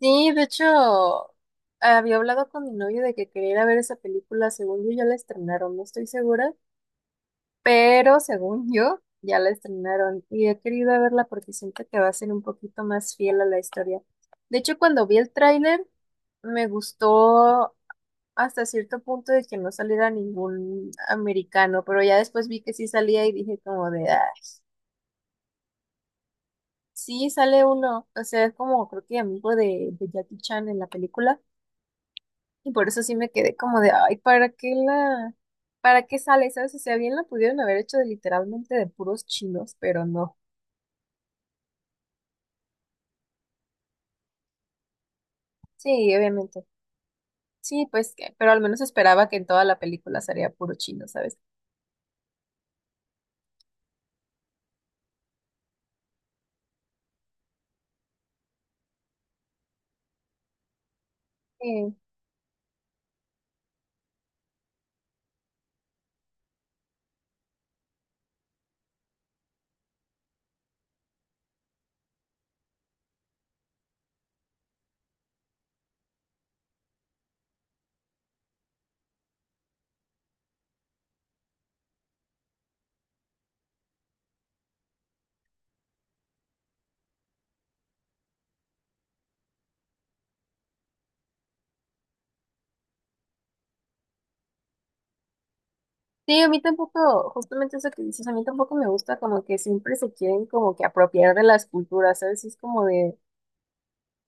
Sí, de hecho, había hablado con mi novio de que quería ir a ver esa película. Según yo, ya la estrenaron, no estoy segura, pero según yo, ya la estrenaron y he querido verla porque siento que va a ser un poquito más fiel a la historia. De hecho, cuando vi el tráiler, me gustó hasta cierto punto de que no saliera ningún americano, pero ya después vi que sí salía y dije como de, ay, sí sale uno. O sea, es como creo que amigo de Jackie Chan en la película. Y por eso sí me quedé como de, ay, ¿para qué sale? ¿Sabes? O sea, bien la pudieron haber hecho de, literalmente de puros chinos, pero no. Sí, obviamente. Sí, pues, pero al menos esperaba que en toda la película sería puro chino, ¿sabes? Sí. Sí, a mí tampoco, justamente eso que dices, a mí tampoco me gusta como que siempre se quieren como que apropiar de las culturas, ¿sabes? Es como de,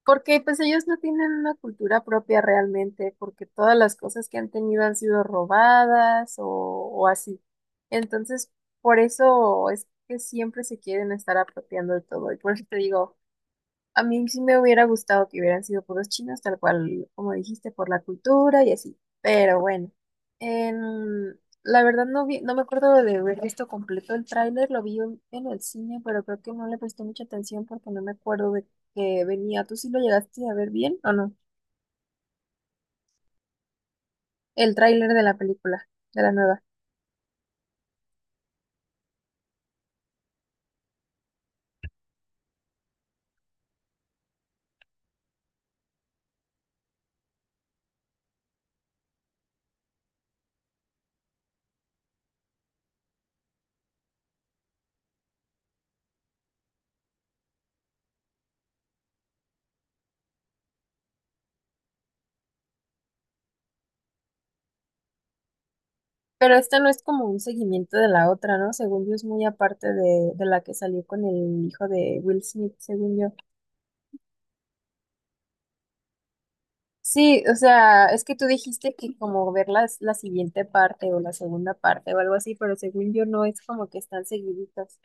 porque pues ellos no tienen una cultura propia realmente, porque todas las cosas que han tenido han sido robadas o así. Entonces, por eso es que siempre se quieren estar apropiando de todo. Y por eso te digo, a mí sí me hubiera gustado que hubieran sido puros chinos, tal cual como dijiste, por la cultura y así. Pero bueno, en- la verdad no vi, no me acuerdo de haber visto completo el tráiler, lo vi en el cine, pero creo que no le presté mucha atención porque no me acuerdo de que venía. ¿Tú sí lo llegaste a ver bien o no? El tráiler de la película, de la nueva. Pero esta no es como un seguimiento de la otra, ¿no? Según yo es muy aparte de la que salió con el hijo de Will Smith, según yo. Sí, o sea, es que tú dijiste que como ver la siguiente parte o la segunda parte o algo así, pero según yo no es como que están seguiditas.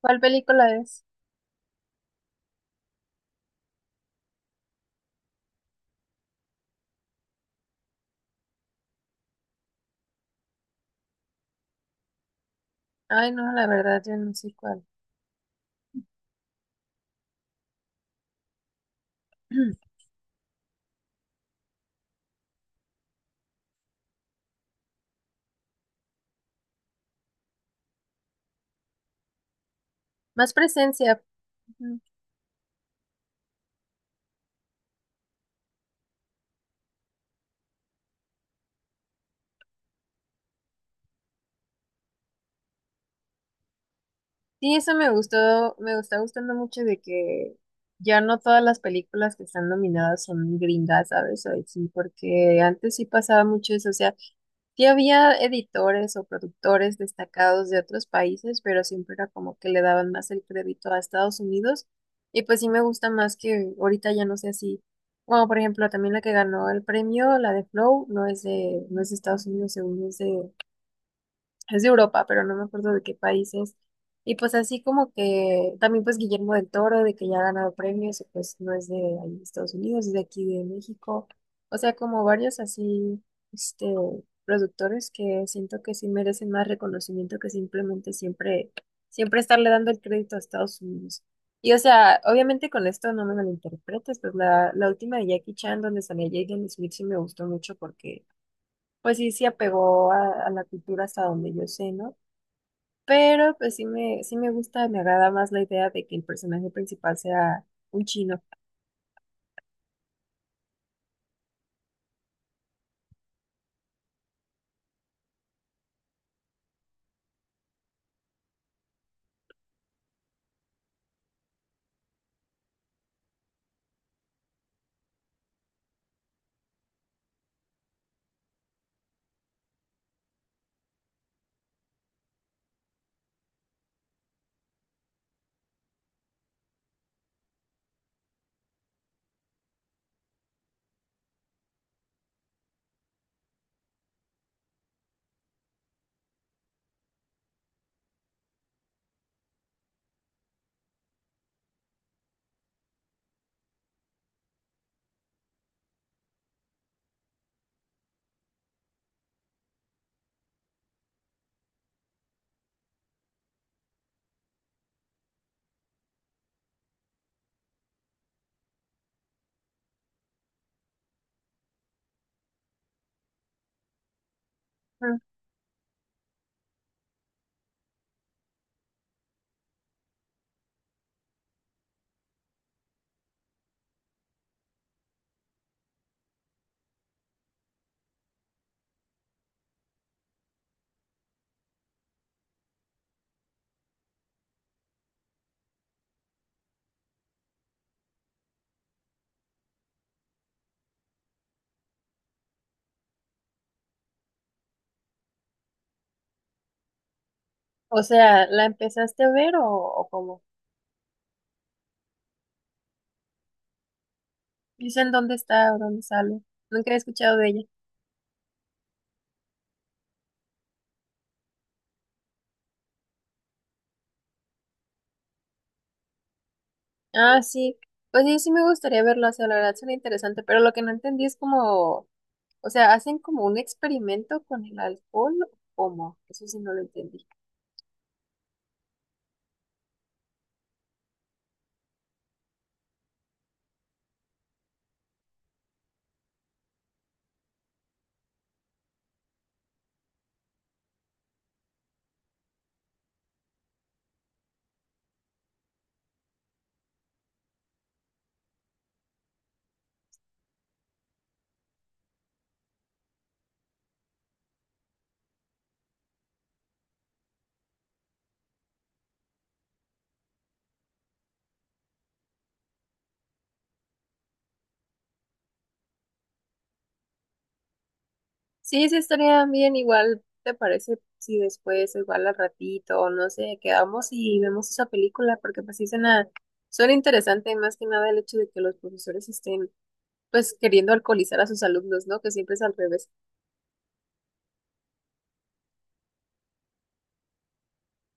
¿Cuál película es? Ay, no, la verdad, yo no sé cuál. Más presencia. Sí, eso me gustó, me está gustando mucho de que ya no todas las películas que están nominadas son gringas, ¿sabes? O sí, porque antes sí pasaba mucho eso, o sea, sí había editores o productores destacados de otros países, pero siempre era como que le daban más el crédito a Estados Unidos. Y pues sí me gusta más que ahorita ya no sea así. Bueno, por ejemplo, también la que ganó el premio, la de Flow, no es de Estados Unidos, según es de Europa, pero no me acuerdo de qué países. Y pues así como que también pues Guillermo del Toro, de que ya ha ganado premios, y pues no es de ahí de Estados Unidos, es de aquí de México. O sea, como varios así, este, productores que siento que sí merecen más reconocimiento que simplemente siempre estarle dando el crédito a Estados Unidos. Y o sea, obviamente con esto no me malinterpretes, pues la última de Jackie Chan, donde salía Jaden Smith, sí me gustó mucho porque pues sí, sí apegó a la cultura hasta donde yo sé, ¿no? Pero pues sí me gusta, me agrada más la idea de que el personaje principal sea un chino. Ujú. O sea, ¿la empezaste a ver o cómo? Dicen dónde está o dónde sale. Nunca he escuchado de ella. Ah, sí. Pues sí, sí me gustaría verlo, o sea, la verdad suena interesante, pero lo que no entendí es como, o sea, ¿hacen como un experimento con el alcohol o cómo? Eso sí no lo entendí. Sí, sí, estaría bien, igual te parece si después, igual al ratito, o no sé, quedamos y vemos esa película, porque pues sí suena, suena interesante, más que nada el hecho de que los profesores estén pues queriendo alcoholizar a sus alumnos, ¿no? Que siempre es al revés.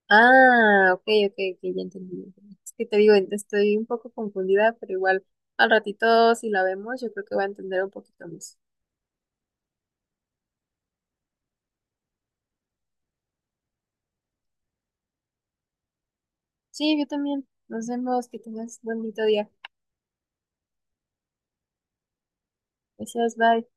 Ah, ok, ok, ok, ya entendí. Ya entendí. Es que te digo, estoy un poco confundida, pero igual al ratito si la vemos, yo creo que va a entender un poquito más. Sí, yo también. Nos vemos, que tengas un bonito día. Gracias, bye.